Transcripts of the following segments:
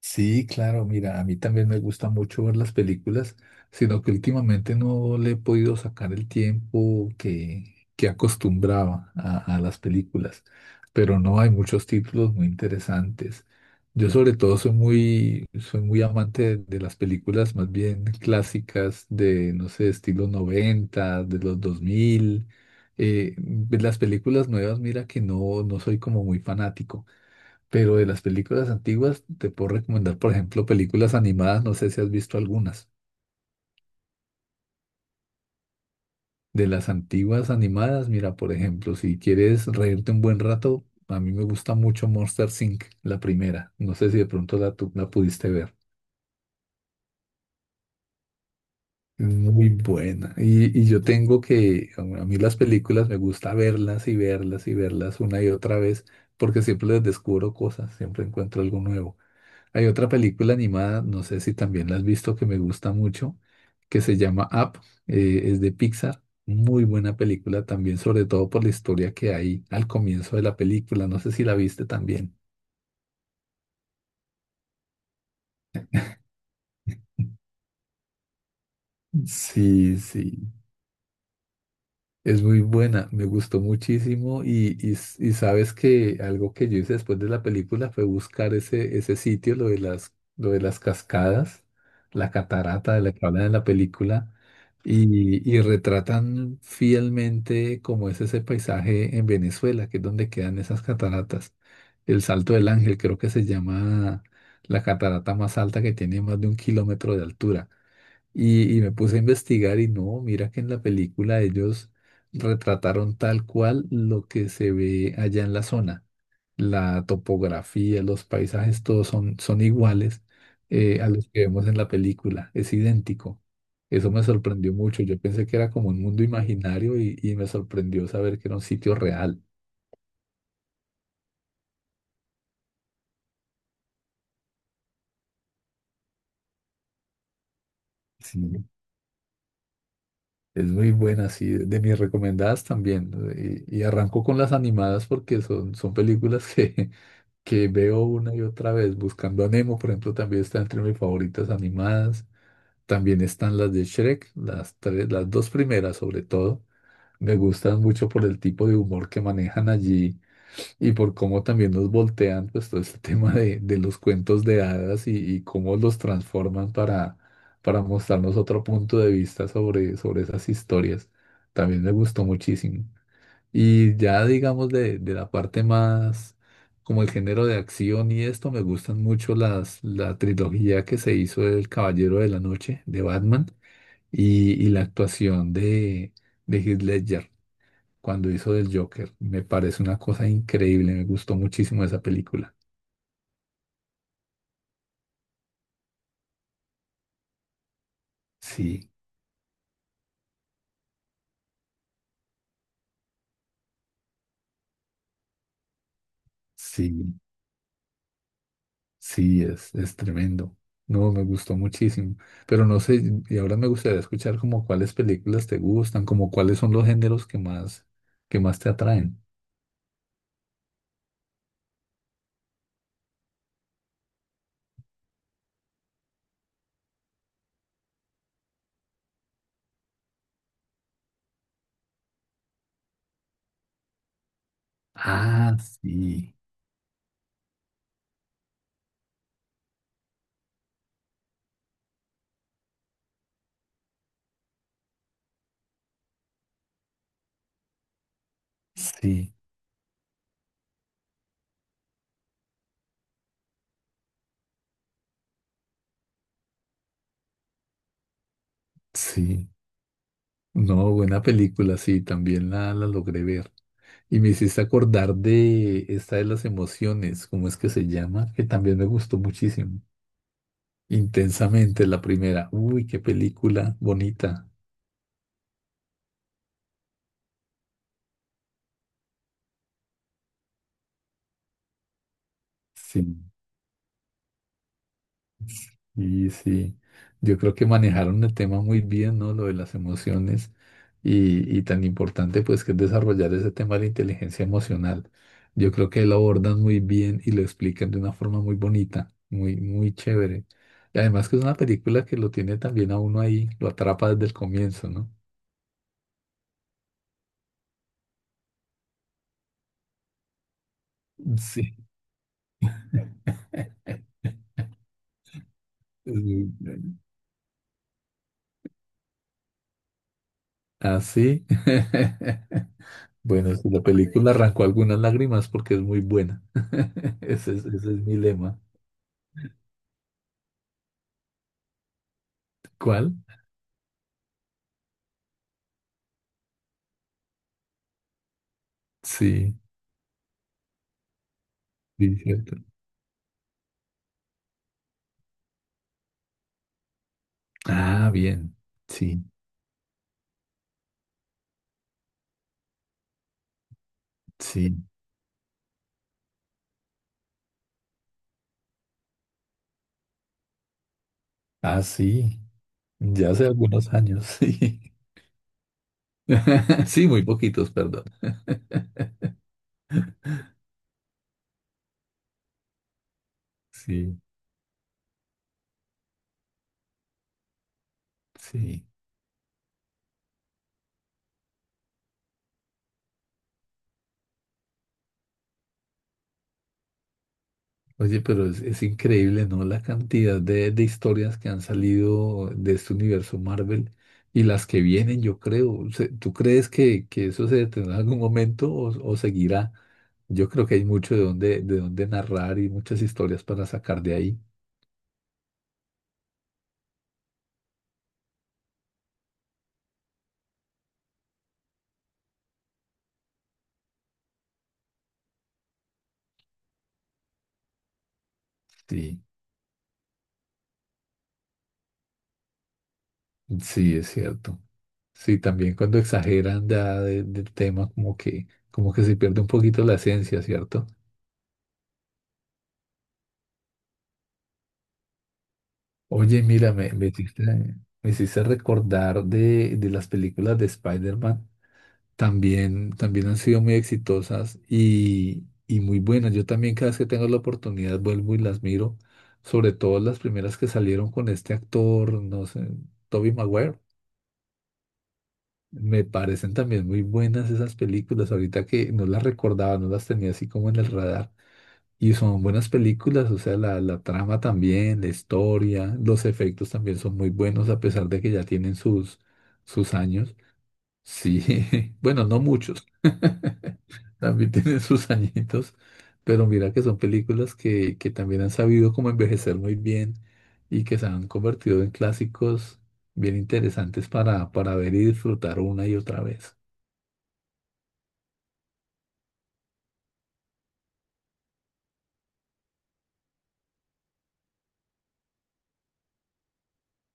Sí, claro, mira, a mí también me gusta mucho ver las películas, sino que últimamente no le he podido sacar el tiempo que acostumbraba a las películas, pero no hay muchos títulos muy interesantes. Yo sobre todo soy muy, amante de las películas más bien clásicas de, no sé, estilo 90, de los 2000. De las películas nuevas, mira que no soy como muy fanático. Pero de las películas antiguas te puedo recomendar, por ejemplo, películas animadas, no sé si has visto algunas. De las antiguas animadas, mira, por ejemplo, si quieres reírte un buen rato, a mí me gusta mucho Monster Inc., la primera. No sé si de pronto tú la pudiste ver. Es muy buena. Y yo tengo que, a mí las películas me gusta verlas y verlas y verlas una y otra vez, porque siempre les descubro cosas, siempre encuentro algo nuevo. Hay otra película animada, no sé si también la has visto, que me gusta mucho, que se llama Up, es de Pixar. Muy buena película también, sobre todo por la historia que hay al comienzo de la película. No sé si la viste también. Sí, sí. Es muy buena, me gustó muchísimo y, y sabes que algo que yo hice después de la película fue buscar ese sitio, lo de las cascadas, la catarata de la que hablan en la película y retratan fielmente cómo es ese paisaje en Venezuela, que es donde quedan esas cataratas. El Salto del Ángel creo que se llama la catarata más alta que tiene más de un kilómetro de altura. Y me puse a investigar y no, mira que en la película ellos retrataron tal cual lo que se ve allá en la zona. La topografía, los paisajes, todos son, son iguales a los que vemos en la película. Es idéntico. Eso me sorprendió mucho. Yo pensé que era como un mundo imaginario y me sorprendió saber que era un sitio real. Sí. Es muy buena, sí, de mis recomendadas también, ¿no? Y arranco con las animadas porque son, son películas que veo una y otra vez. Buscando a Nemo, por ejemplo, también está entre mis favoritas animadas. También están las de Shrek, las tres, las dos primeras sobre todo. Me gustan mucho por el tipo de humor que manejan allí y por cómo también nos voltean pues todo este tema de los cuentos de hadas y cómo los transforman para mostrarnos otro punto de vista sobre, sobre esas historias. También me gustó muchísimo. Y ya digamos de la parte más como el género de acción y esto, me gustan mucho la trilogía que se hizo del Caballero de la Noche de Batman y la actuación de Heath Ledger cuando hizo del Joker. Me parece una cosa increíble, me gustó muchísimo esa película. Sí, sí. Sí, es tremendo. No, me gustó muchísimo. Pero no sé, y ahora me gustaría escuchar como cuáles películas te gustan, como cuáles son los géneros que más te atraen. Ah, sí, sí, sí. No, buena película, sí, también la logré ver. Y me hiciste acordar de esta de las emociones, ¿cómo es que se llama? Que también me gustó muchísimo. Intensamente la primera. Uy, qué película bonita. Sí. Y sí, yo creo que manejaron el tema muy bien, ¿no? Lo de las emociones y tan importante pues que es desarrollar ese tema de la inteligencia emocional. Yo creo que lo abordan muy bien y lo explican de una forma muy bonita, muy, muy chévere. Y además que es una película que lo tiene también a uno ahí, lo atrapa desde el comienzo, ¿no? Sí. Sí. Así. Bueno, si la película arrancó algunas lágrimas porque es muy buena. Ese es mi lema. ¿Cuál? Sí, sí, cierto. Ah, bien. Sí, sí. Ah, sí. Ya hace algunos años, sí. Sí, muy poquitos, perdón. Sí, sí. Oye, pero es increíble, ¿no? La cantidad de historias que han salido de este universo Marvel y las que vienen, yo creo. ¿Tú crees que eso se detendrá en algún momento o seguirá? Yo creo que hay mucho de dónde narrar y muchas historias para sacar de ahí. Sí, sí, es cierto. Sí, también cuando exageran ya del tema, como que se pierde un poquito la esencia, ¿cierto? Oye, mira, me hiciste recordar de las películas de Spider-Man. También, también han sido muy exitosas y muy buenas. Yo también cada vez que tengo la oportunidad vuelvo y las miro, sobre todo las primeras que salieron con este actor, no sé, Tobey Maguire. Me parecen también muy buenas esas películas, ahorita que no las recordaba, no las tenía así como en el radar. Y son buenas películas, o sea, la trama también, la historia, los efectos también son muy buenos, a pesar de que ya tienen sus, sus años. Sí, bueno, no muchos, también tienen sus añitos, pero mira que son películas que también han sabido cómo envejecer muy bien y que se han convertido en clásicos bien interesantes para ver y disfrutar una y otra vez.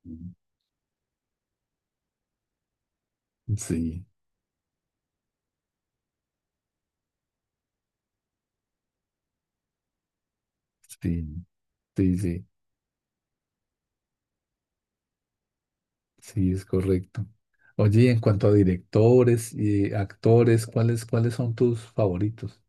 Mm. Sí, sí, sí, sí. Sí, es correcto. Oye, y en cuanto a directores y actores, ¿cuáles, cuáles son tus favoritos?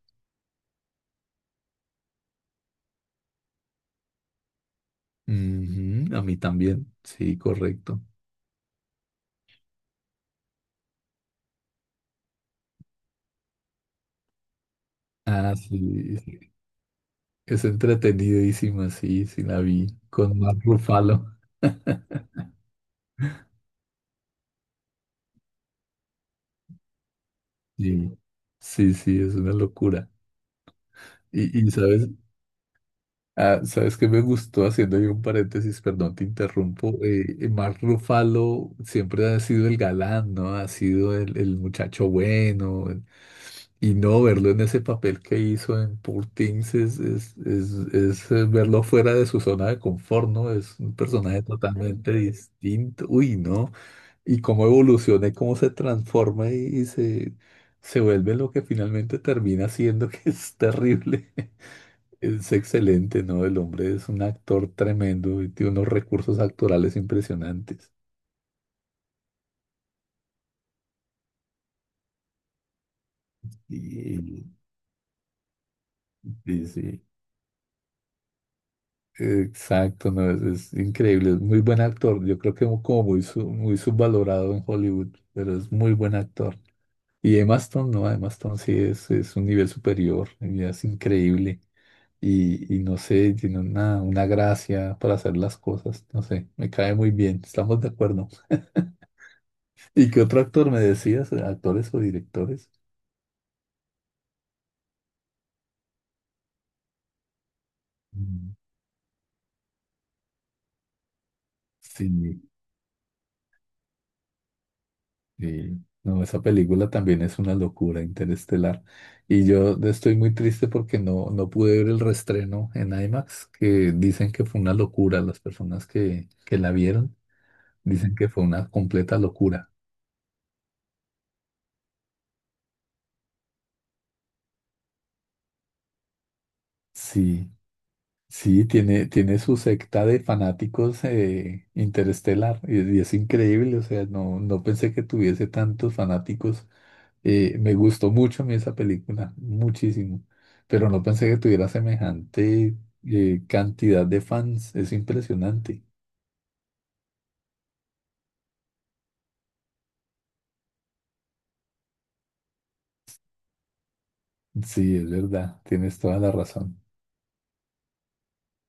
Ujú, a mí también, sí, correcto. Ah, sí, sí, es entretenidísima, sí, sí la vi, con Mark Ruffalo. Sí, sí, sí, es una locura. Y sabes que me gustó, haciendo yo un paréntesis, perdón, te interrumpo, Mark Ruffalo siempre ha sido el galán, ¿no? Ha sido el muchacho bueno. Y no verlo en ese papel que hizo en Poor Things es, es verlo fuera de su zona de confort, ¿no? Es un personaje totalmente distinto. Uy, ¿no? Y cómo evoluciona y cómo se transforma y, se vuelve lo que finalmente termina siendo, que es terrible. Es excelente, ¿no? El hombre es un actor tremendo y tiene unos recursos actorales impresionantes. Y, y sí. Exacto, no, es increíble, es muy buen actor. Yo creo que como muy subvalorado en Hollywood, pero es muy buen actor. Y Emma Stone, no, Emma Stone sí es un nivel superior, ella es increíble. Y no sé, tiene una gracia para hacer las cosas, no sé, me cae muy bien, estamos de acuerdo. ¿Y qué otro actor me decías? ¿Actores o directores? Mm. Sí. Sí, no, esa película también es una locura interestelar. Y yo estoy muy triste porque no, no pude ver el reestreno en IMAX, que dicen que fue una locura. Las personas que la vieron dicen que fue una completa locura. Sí, sí, tiene, tiene su secta de fanáticos interestelar y es increíble. O sea, no, no pensé que tuviese tantos fanáticos. Me gustó mucho a mí esa película, muchísimo, pero no pensé que tuviera semejante cantidad de fans, es impresionante. Sí, es verdad, tienes toda la razón.